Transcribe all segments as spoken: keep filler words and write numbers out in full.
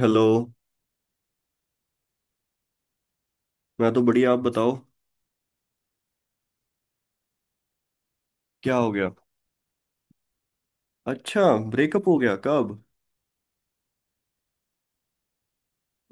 Hello. मैं तो बढ़िया। आप बताओ। क्या हो गया? अच्छा। ब्रेकअप हो गया कब?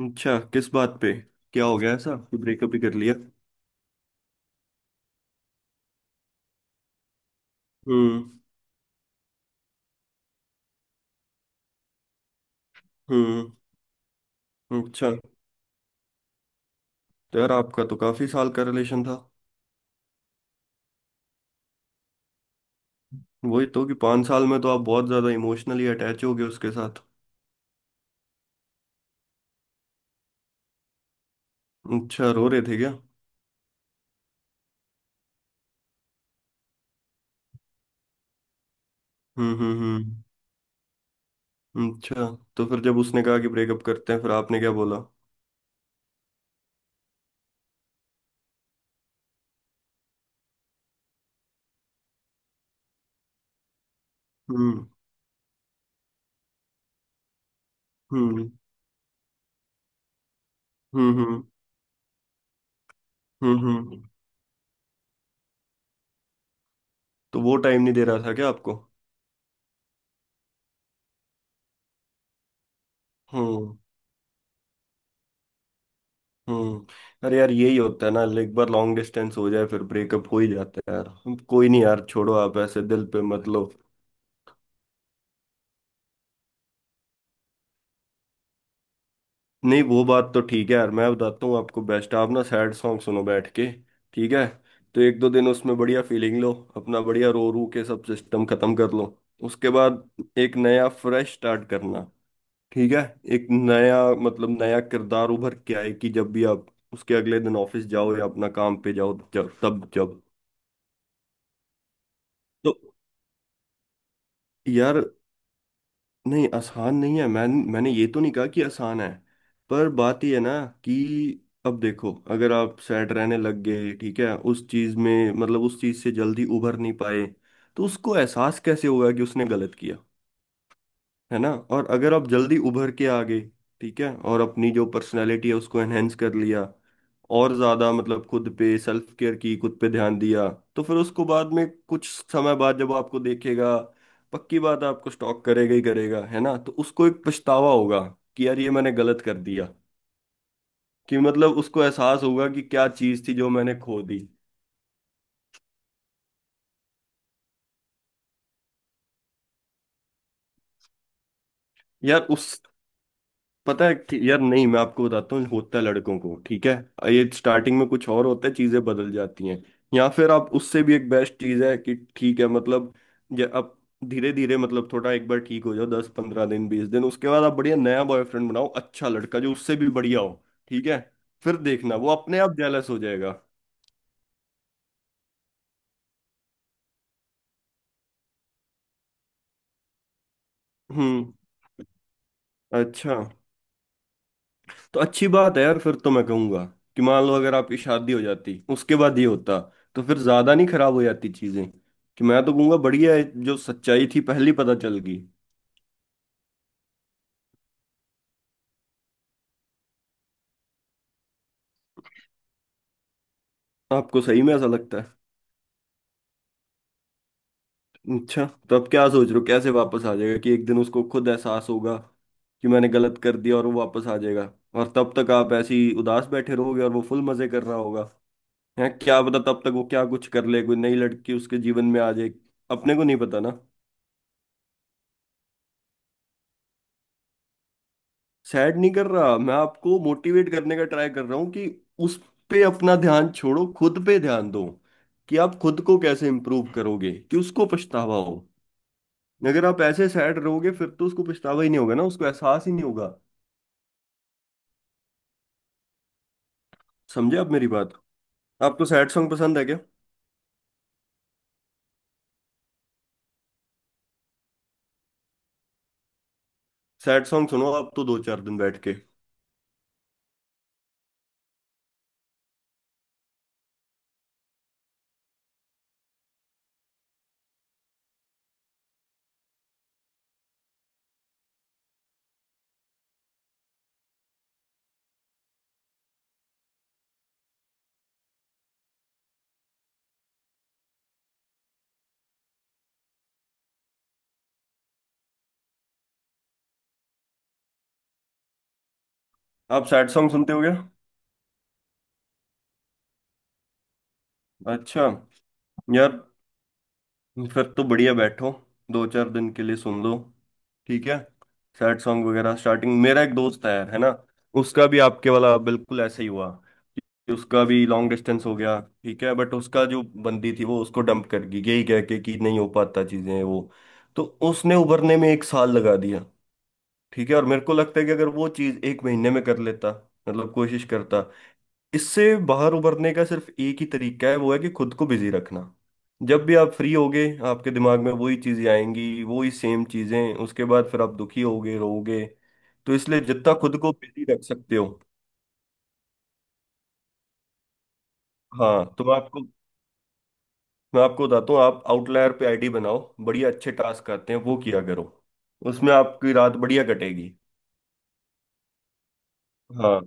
अच्छा, किस बात पे? क्या हो गया ऐसा कि ब्रेकअप ही कर लिया? हम्म। हम्म। अच्छा। तो यार, आपका तो काफी साल का रिलेशन था। वही तो कि पाँच साल में तो आप बहुत ज्यादा इमोशनली अटैच हो गए उसके साथ। अच्छा, रो रहे थे क्या? हम्म। हम्म। हम्म। अच्छा। तो फिर जब उसने कहा कि ब्रेकअप करते हैं, फिर आपने क्या बोला? हम्म। हम्म। हम्म। हम्म। हम्म। हम्म। तो वो टाइम नहीं दे रहा था क्या आपको? हम्म। हम्म। अरे यार, यही होता है ना, like, एक बार लॉन्ग डिस्टेंस हो जाए फिर ब्रेकअप हो ही जाता है यार। हम- कोई नहीं यार, छोड़ो, आप ऐसे दिल पे मत लो। नहीं, वो बात तो ठीक है यार। मैं बताता हूँ आपको बेस्ट। आप ना सैड सॉन्ग सुनो बैठ के। ठीक है। तो एक दो दिन उसमें बढ़िया फीलिंग लो, अपना बढ़िया रो रू के सब सिस्टम खत्म कर लो। उसके बाद एक नया फ्रेश स्टार्ट करना। ठीक है। एक नया, मतलब नया किरदार उभर के आए कि जब भी आप, उसके अगले दिन ऑफिस जाओ या अपना काम पे जाओ, जब तब जब। तो यार, नहीं आसान नहीं है। मैं मैंने ये तो नहीं कहा कि आसान है। पर बात ये है ना कि, अब देखो, अगर आप सैड रहने लग गए, ठीक है, उस चीज में, मतलब उस चीज से जल्दी उभर नहीं पाए, तो उसको एहसास कैसे होगा कि उसने गलत किया, है ना। और अगर आप जल्दी उभर के आ गए, ठीक है, और अपनी जो पर्सनैलिटी है उसको एनहेंस कर लिया, और ज्यादा, मतलब खुद पे सेल्फ केयर की, खुद पे ध्यान दिया, तो फिर उसको बाद में कुछ समय बाद जब आपको देखेगा, पक्की बात है, आपको स्टॉक करेगा ही करेगा, है ना, तो उसको एक पछतावा होगा कि यार ये मैंने गलत कर दिया। कि मतलब उसको एहसास होगा कि क्या चीज थी जो मैंने खो दी। यार, उस पता है कि- यार नहीं, मैं आपको बताता हूँ, होता है लड़कों को, ठीक है। ये स्टार्टिंग में कुछ और होता है, चीजें बदल जाती हैं। या फिर आप उससे भी, एक बेस्ट चीज है कि ठीक है, मतलब ये अब, धीरे धीरे, मतलब थोड़ा एक बार ठीक हो जाओ, दस पंद्रह दिन बीस दिन, उसके बाद आप बढ़िया नया बॉयफ्रेंड बनाओ, अच्छा लड़का जो उससे भी बढ़िया हो, ठीक है, फिर देखना वो अपने आप जेलस हो जाएगा। हम्म। अच्छा। तो अच्छी बात है यार, फिर तो मैं कहूंगा कि मान लो अगर आपकी शादी हो जाती, उसके बाद ये होता, तो फिर ज्यादा नहीं खराब हो जाती चीजें। कि मैं तो कहूंगा बढ़िया है, जो सच्चाई थी पहली पता चल गई। आपको सही में ऐसा लगता है? अच्छा। तो अब क्या सोच रहे हो, कैसे वापस आ जाएगा? कि एक दिन उसको खुद एहसास होगा कि मैंने गलत कर दिया और वो वापस आ जाएगा? और तब तक आप ऐसे ही उदास बैठे रहोगे और वो फुल मजे कर रहा होगा। हैं, क्या पता तब तक वो क्या कुछ कर ले, कोई नई लड़की उसके जीवन में आ जाए, अपने को नहीं पता ना। सैड नहीं कर रहा मैं आपको, मोटिवेट करने का ट्राई कर रहा हूँ कि उस पे अपना ध्यान छोड़ो, खुद पे ध्यान दो, कि आप खुद को कैसे इम्प्रूव करोगे कि उसको पछतावा हो। अगर आप ऐसे सैड रहोगे फिर तो उसको पछतावा ही नहीं होगा ना, उसको एहसास ही नहीं होगा। समझे आप मेरी बात? आपको सैड सॉन्ग पसंद है क्या? सैड सॉन्ग सुनो आप तो दो चार दिन बैठ के। आप सैड सॉन्ग सुनते हो क्या? अच्छा। यार, फिर तो बढ़िया बैठो, दो चार दिन के लिए सुन लो। ठीक है। सैड सॉन्ग वगैरह स्टार्टिंग, मेरा एक दोस्त है है ना, उसका भी आपके वाला बिल्कुल ऐसा ही हुआ, कि उसका भी लॉन्ग डिस्टेंस हो गया, ठीक है, बट उसका जो बंदी थी वो उसको डंप कर गई, यही कह के कि नहीं हो पाता चीजें वो। तो उसने उभरने में एक साल लगा दिया। ठीक है, और मेरे को लगता है कि अगर वो चीज एक महीने में कर लेता, मतलब कोशिश करता। इससे बाहर उबरने का सिर्फ एक ही तरीका है, वो है कि खुद को बिजी रखना। जब भी आप फ्री होगे आपके दिमाग में वही चीजें आएंगी, वही सेम चीजें, उसके बाद फिर आप दुखी होगे, रोओगे। तो इसलिए जितना खुद को बिजी रख सकते हो। हाँ, तो मैं आपको मैं आपको बताता हूँ, आप आउटलायर पे आईडी बनाओ, बढ़िया अच्छे टास्क आते हैं, वो किया करो, उसमें आपकी रात बढ़िया कटेगी। हाँ।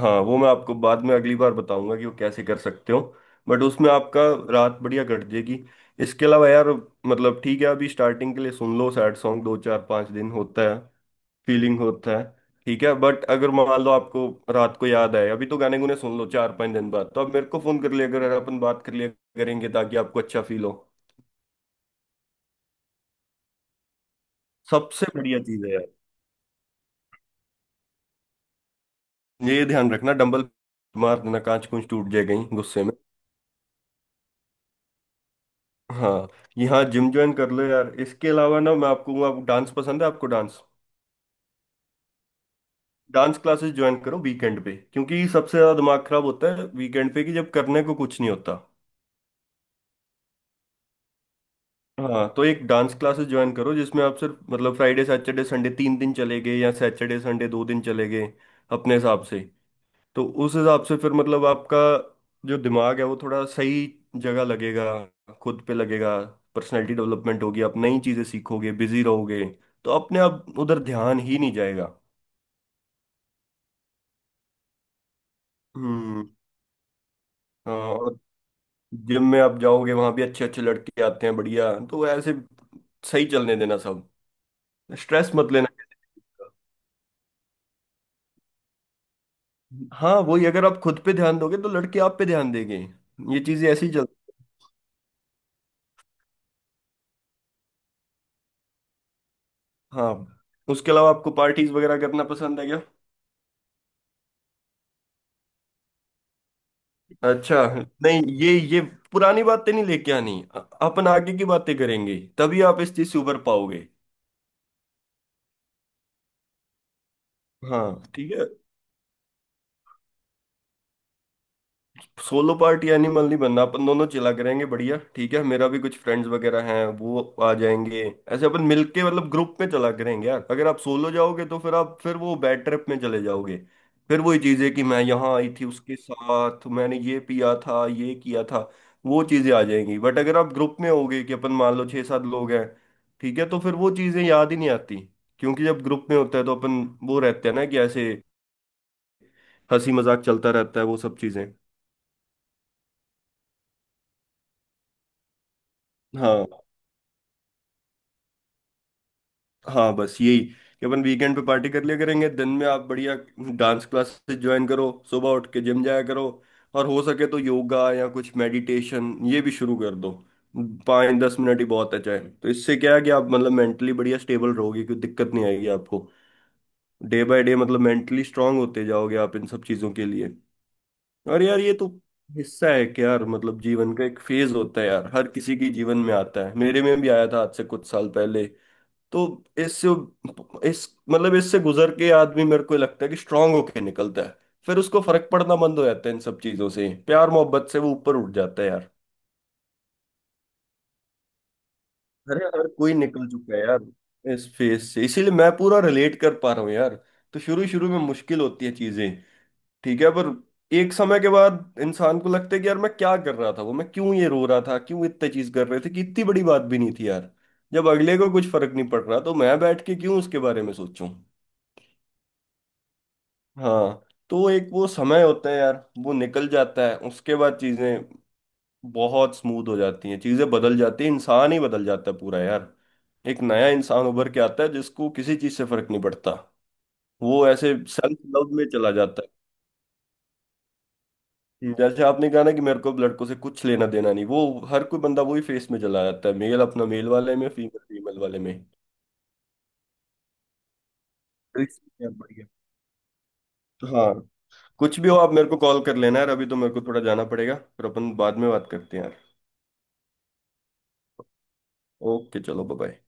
हाँ, वो मैं आपको बाद में अगली बार बताऊंगा कि वो कैसे कर सकते हो, बट उसमें आपका रात बढ़िया कट जाएगी। इसके अलावा यार, मतलब ठीक है, अभी स्टार्टिंग के लिए सुन लो सैड सॉन्ग, दो चार पाँच दिन होता है, फीलिंग होता है। ठीक है, बट अगर मान लो आपको रात को याद आए, अभी तो गाने गुने सुन लो, चार पाँच दिन बाद तो आप मेरे को फोन कर लिया, अगर अपन बात कर लिया करेंगे, ताकि आपको अच्छा फील हो। सबसे बढ़िया चीज़ है यार। ये ध्यान रखना, डंबल मार देना, कांच कुंच टूट जाएगा ही गुस्से में। हाँ, यहाँ जिम ज्वाइन कर लो यार। इसके अलावा ना, मैं आपको आपको डांस पसंद है? आपको डांस डांस क्लासेस ज्वाइन करो वीकेंड पे, क्योंकि सबसे ज्यादा दिमाग खराब होता है वीकेंड पे कि जब करने को कुछ नहीं होता। हाँ, तो एक डांस क्लासेस ज्वाइन करो जिसमें आप सिर्फ, मतलब फ्राइडे सैटरडे संडे तीन दिन चले गए या सैटरडे संडे दो दिन चले गए, अपने हिसाब से। तो उस हिसाब से फिर मतलब आपका जो दिमाग है वो थोड़ा सही जगह लगेगा, खुद पे लगेगा, पर्सनैलिटी डेवलपमेंट होगी, आप नई चीजें सीखोगे, बिजी रहोगे, तो अपने आप उधर ध्यान ही नहीं जाएगा। हम्म। हाँ, और, जिम में आप जाओगे वहां भी अच्छे अच्छे लड़के आते हैं बढ़िया, तो ऐसे सही चलने देना सब, स्ट्रेस मत लेना। हाँ, वही, अगर आप खुद पे ध्यान दोगे तो लड़के आप पे ध्यान देंगे, ये चीजें ऐसी चल। हाँ, उसके अलावा आपको पार्टीज वगैरह करना पसंद है? अच्छा। नहीं, ये ये पुरानी बातें नहीं लेके आनी, अ- अपन आगे की बातें करेंगे तभी आप इस चीज से उबर पाओगे। हाँ, ठीक है। सोलो पार्टी एनिमल नहीं बनना, अपन दोनों चिला करेंगे बढ़िया, ठीक है। मेरा भी कुछ फ्रेंड्स वगैरह हैं, वो आ जाएंगे। ऐसे अपन मिलके, मतलब ग्रुप में चला करेंगे यार। अगर आप सोलो जाओगे तो फिर आप, फिर वो बैड ट्रिप में चले जाओगे, फिर वही चीजें कि मैं यहाँ आई थी उसके साथ, मैंने ये पिया था, ये किया था, वो चीजें आ जाएंगी। बट अगर आप ग्रुप में होगे, कि अपन मान लो छः सात लोग हैं, ठीक है, तो फिर वो चीजें याद ही नहीं आती, क्योंकि जब ग्रुप में होता है तो अपन वो रहते हैं ना कि ऐसे, हंसी मजाक चलता रहता है, वो सब चीजें। हाँ। हाँ, बस यही कि अपन वीकेंड पे पार्टी कर लिया करेंगे, दिन में आप बढ़िया डांस क्लासेस ज्वाइन करो, सुबह उठ के जिम जाया करो, और हो सके तो योगा या कुछ मेडिटेशन ये भी शुरू कर दो। पाँच दस मिनट ही बहुत है चाहे तो, इससे क्या है कि आप मतलब मेंटली बढ़िया स्टेबल रहोगे, कोई दिक्कत नहीं आएगी आपको, डे बाय डे मतलब मेंटली स्ट्रांग होते जाओगे आप इन सब चीज़ों के लिए। और यार, ये तो हिस्सा है कि यार मतलब जीवन का एक फेज होता है यार, हर किसी की जीवन में आता है, मेरे में भी आया था आज से कुछ साल पहले। तो इससे, इस मतलब इससे गुजर के आदमी मेरे को लगता है कि स्ट्रांग होके निकलता है। फिर उसको फर्क पड़ना बंद हो जाता है इन सब चीजों से, प्यार मोहब्बत से वो ऊपर उठ जाता है यार। अरे, हर कोई निकल चुका है यार इस फेज से, इसीलिए मैं पूरा रिलेट कर पा रहा हूँ यार। तो शुरू शुरू में मुश्किल होती है चीजें, ठीक है, पर एक समय के बाद इंसान को लगता है कि यार मैं क्या कर रहा था, वो मैं क्यों ये रो रहा था, क्यों इतनी चीज कर रहे थे, कि इतनी बड़ी बात भी नहीं थी यार। जब अगले को कुछ फर्क नहीं पड़ रहा तो मैं बैठ के क्यों उसके बारे में सोचूं। हाँ, तो एक वो समय होता है यार, वो निकल जाता है उसके बाद चीजें बहुत स्मूथ हो जाती हैं, चीजें बदल जाती हैं, इंसान ही बदल जाता है पूरा यार। एक नया इंसान उभर के आता है जिसको किसी चीज से फर्क नहीं पड़ता, वो ऐसे सेल्फ लव में चला जाता है, जैसे आपने कहा ना कि मेरे को अब लड़कों से कुछ लेना देना नहीं वो, हर कोई बंदा वही फेस में चला जाता है, मेल अपना मेल वाले में, फीमेल फीमेल वाले में। तो इसलिए यार बढ़िया। हाँ, कुछ भी हो आप मेरे को कॉल कर लेना यार, अभी तो मेरे को थोड़ा जाना पड़ेगा, फिर अपन बाद में बात करते हैं यार। ओके, चलो बाय।